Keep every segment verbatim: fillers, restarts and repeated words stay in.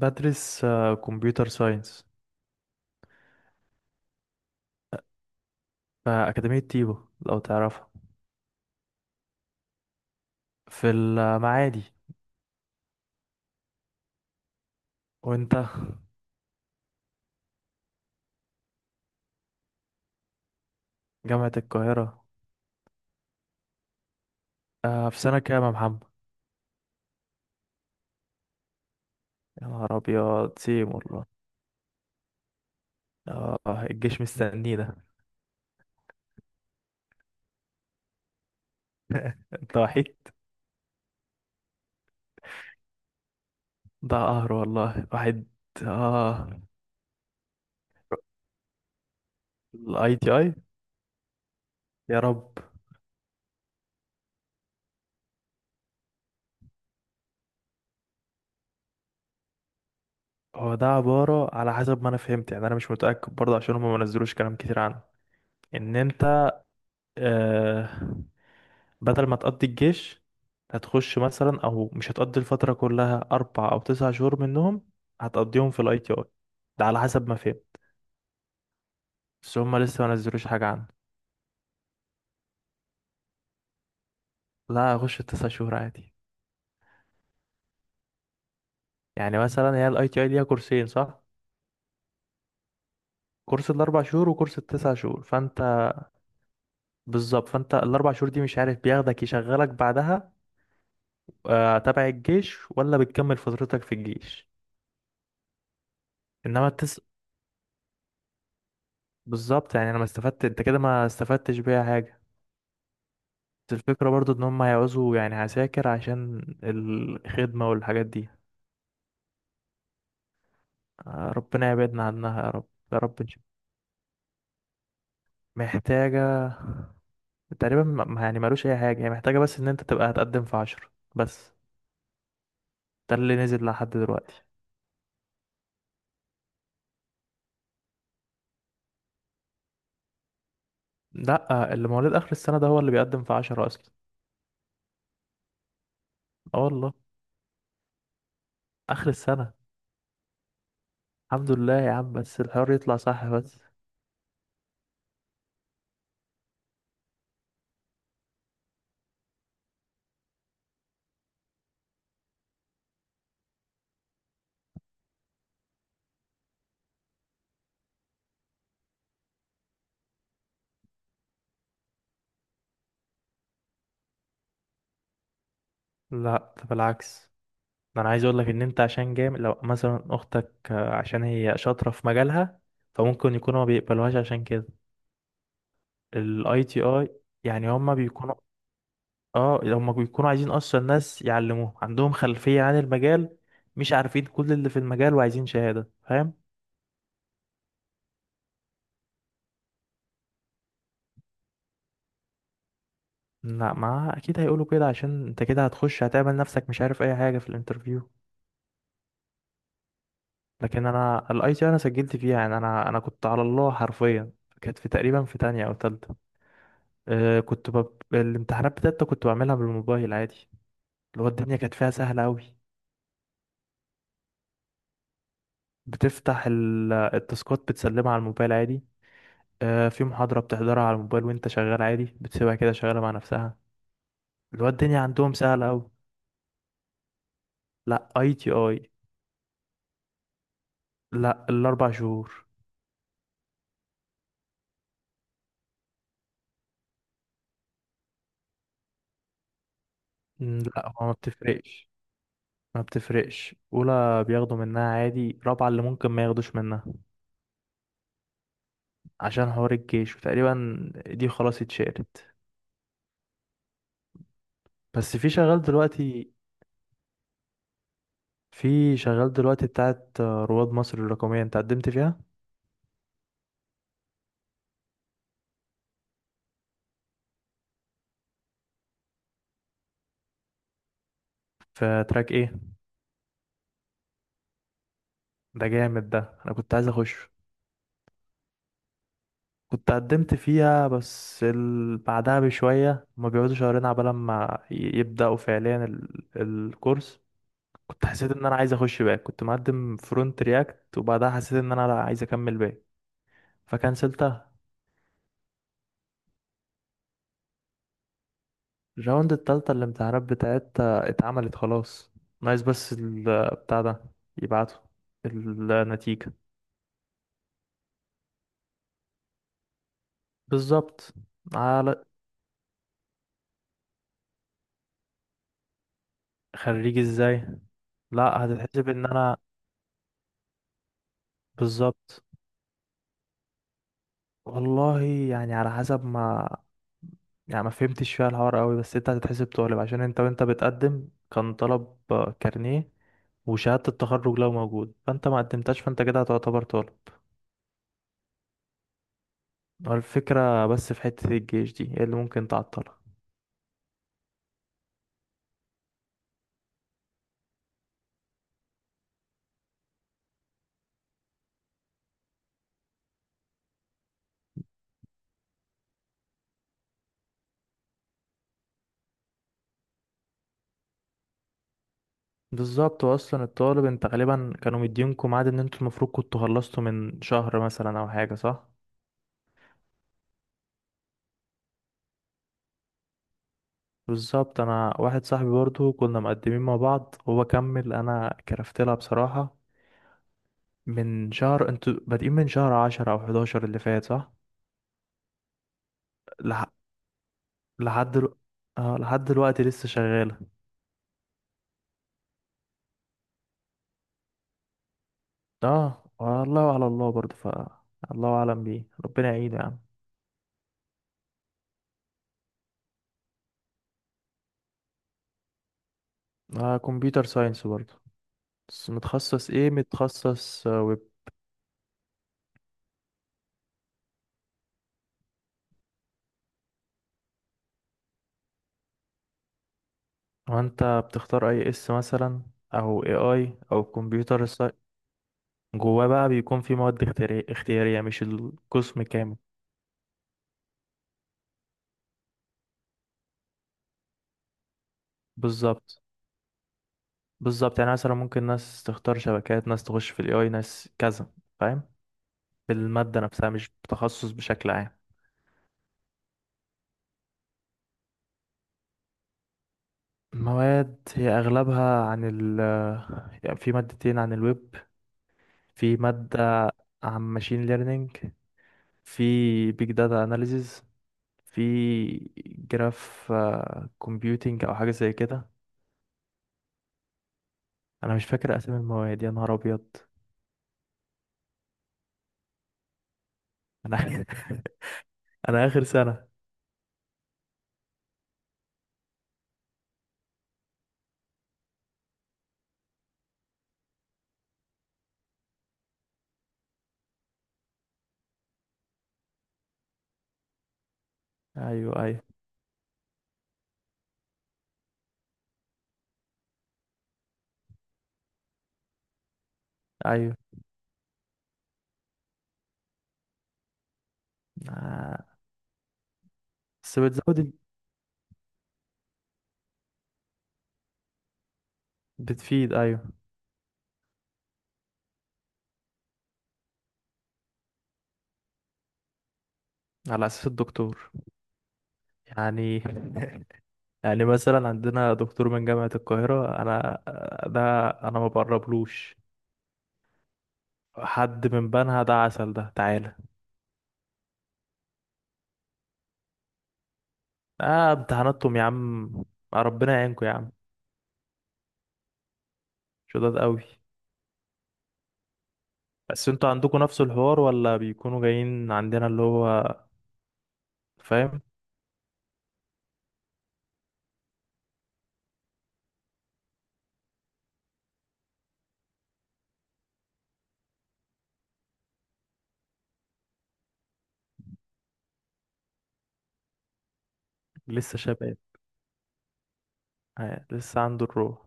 بدرس آه، كمبيوتر ساينس في أكاديمية تيبو. لو تعرفها. في المعادي. وانت؟ جامعة القاهرة. آه، في سنة كام يا محمد؟ يا نهار أبيض، سيم والله. آه. الجيش مستنينا. انت وحيد. ده قهر والله، واحد. اه. الاي تي اي. يا رب. هو ده عبارة على حسب ما انا فهمت، يعني انا مش متأكد برضه عشان هم ما نزلوش كلام كتير عنه. ان انت آه بدل ما تقضي الجيش هتخش مثلا، او مش هتقضي الفترة كلها، اربع او تسع شهور منهم هتقضيهم في الاي تي اي. ده على حسب ما فهمت. بس هما لسه ما نزلوش حاجة عنه. لا، هخش التسع شهور عادي. يعني مثلا هي الاي تي اي ليها كورسين صح؟ كورس الاربع شهور وكورس التسع شهور فانت. بالظبط، فانت الاربع شهور دي مش عارف بياخدك يشغلك بعدها آه، تبع الجيش ولا بتكمل فترتك في الجيش. انما التس بالظبط، يعني انا ما استفدت، انت كده ما استفدتش بيها حاجة. بس الفكرة برضو ان هم هيعوزوا يعني عساكر عشان الخدمة والحاجات دي. آه، ربنا يبعدنا عنها يا رب. يا رب نشوف. محتاجة تقريبا ما- ما- يعني مالوش اي حاجة هي محتاجة، بس ان انت تبقى هتقدم في عشرة بس. ده اللي نزل لحد دلوقتي. لا، اللي مواليد اخر السنة ده هو اللي بيقدم في عشرة اصلا. اه والله. اخر السنة. الحمد لله يا عم، بس الحوار يطلع صح بس. لا، ده بالعكس. ده انا عايز اقول لك ان انت عشان جامد. لو مثلا اختك آه، عشان هي شاطره في مجالها فممكن يكونوا ما بيقبلوهاش عشان كده. الاي تي اي. يعني هم بيكونوا. اه، هم بيكونوا عايزين اصلا ناس يعلموهم، عندهم خلفيه عن المجال، مش عارفين كل اللي في المجال، وعايزين شهاده، فاهم. لا، ما اكيد هيقولوا كده، عشان انت كده هتخش هتعمل نفسك مش عارف اي حاجه في الانترفيو. لكن انا الاي تي انا سجلت فيها، يعني انا انا كنت على الله حرفيا. كانت في تقريبا في تانية او تالتة. آه كنت بب... الامتحانات بتاعتي كنت بعملها بالموبايل عادي. اللي هو الدنيا كانت فيها سهلة أوي. بتفتح ال- التاسكات، بتسلمها على الموبايل عادي. آه في محاضرة بتحضرها على الموبايل وانت شغال عادي، بتسيبها كده شغالة مع نفسها. اللي هو الدنيا عندهم سهلة أوي. لا، اي تي اي. لا، الأربع شهور. مم، لا، هو ما بتفرقش. ما بتفرقش، أولى بياخدوا منها عادي، رابعة اللي ممكن ما ياخدوش منها. عشان حوار الجيش، وتقريبا دي خلاص اتشالت. بس في شغال دلوقتي. في شغال دلوقتي بتاعت رواد مصر الرقمية، انت قدمت فيها؟ في تراك ايه؟ ده جامد ده. انا كنت عايز اخش. كنت قدمت فيها بس ال... بعدها بشوية هما بيقعدوا شهرين عبال ما ي- يبدأوا فعليا ال... الكورس. كنت حسيت ان انا عايز اخش باك، كنت مقدم فرونت رياكت، وبعدها حسيت ان انا لا عايز اكمل باك، فكنسلتها. الراوند التالتة الامتحانات بتاعتها اتعملت خلاص. ناقص بس ال... بتاع ده، يبعتوا النتيجة. بالظبط. على. خريج ازاي؟ لا، هتتحسب ان انا. بالظبط. والله يعني على حسب ما، يعني ما فهمتش فيها الحوار قوي، بس انت هتتحسب طالب عشان انت، وانت بتقدم كان طلب آه، كارنيه وشهادة التخرج لو موجود، فانت ما قدمتش فانت كده هتعتبر طالب. هو الفكرة بس في حتة الجيش دي هي اللي ممكن تعطلك. بالظبط، واصلا الطالب انت غالبا كانوا مدينكم ميعاد ان انتوا المفروض كنتوا خلصتوا من شهر مثلا، او حاجة، صح. بالظبط. انا واحد صاحبي برضه كنا مقدمين مع بعض، هو كمل انا كرفت لها بصراحة. من شهر انتوا بادئين، من شهر عشرة او حداشر اللي فات، صح. لح... لحد دل... آه لحد دلوقتي لسه شغالة. اه والله، على الله برضه، ف الله اعلم بيه، ربنا يعينه يا عم. آه كمبيوتر ساينس برضه. بس متخصص ايه؟ متخصص آه، ويب. وانت بتختار اي اس مثلا، او اي اي، او كمبيوتر ساينس. جواه بقى بيكون في مواد اختيارية اختيارية، مش القسم كامل. بالظبط. بالظبط، يعني مثلا ممكن ناس تختار شبكات، ناس تخش في الاي اي، ناس كذا، فاهم. بالمادة نفسها، مش بتخصص بشكل عام. مواد هي اغلبها عن ال يعني في مادتين عن الويب. في مادة عن ماشين ليرنينج. في بيج داتا اناليزيز. في جراف كومبيوتينج او حاجة زي كده. انا مش فاكر اسامي المواد، يا نهار ابيض. انا انا اخر سنة. ايوه، ايوه، ايوه. آه. بس بتزود. بتفيد، ايوه. على اساس الدكتور. يعني، يعني مثلا عندنا دكتور من جامعة القاهرة انا ده، انا ما بقربلوش. حد من بنها ده عسل، ده تعالى. اه، امتحاناتكم يا عم. آه، ربنا يعينكم يا عم. شداد قوي. بس انتوا عندكم نفس الحوار، ولا بيكونوا جايين عندنا، اللي هو. فاهم. لسه شباب. آه، لسه عنده الروح.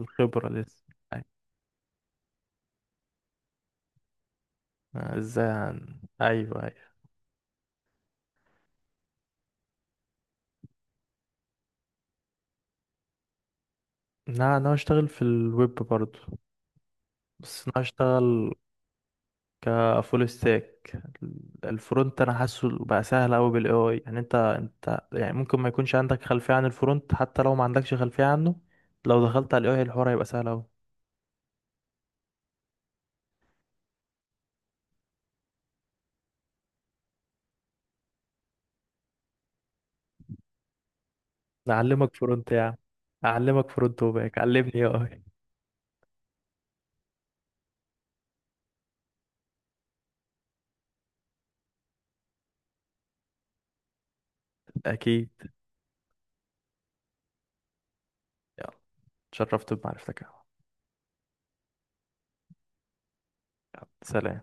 الخبرة لسه. أيوة. آه، ازاي عن... ايوه، ايوه. لا، انا هشتغل في الويب برضو. بس انا هشتغل كفول ستاك. الفرونت انا حاسه بقى سهل قوي بالاي اي، يعني انت انت يعني ممكن ما يكونش عندك خلفيه عن الفرونت، حتى لو ما عندكش خلفيه عنه، لو دخلت على الاي اي الحوار هيبقى سهل قوي. اعلمك فرونت يا عم. اعلمك فرونت وباك، علمني اي اي. اكيد. يلا. اتشرفت بمعرفتك يا عم. يلا، سلام.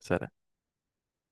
سلام.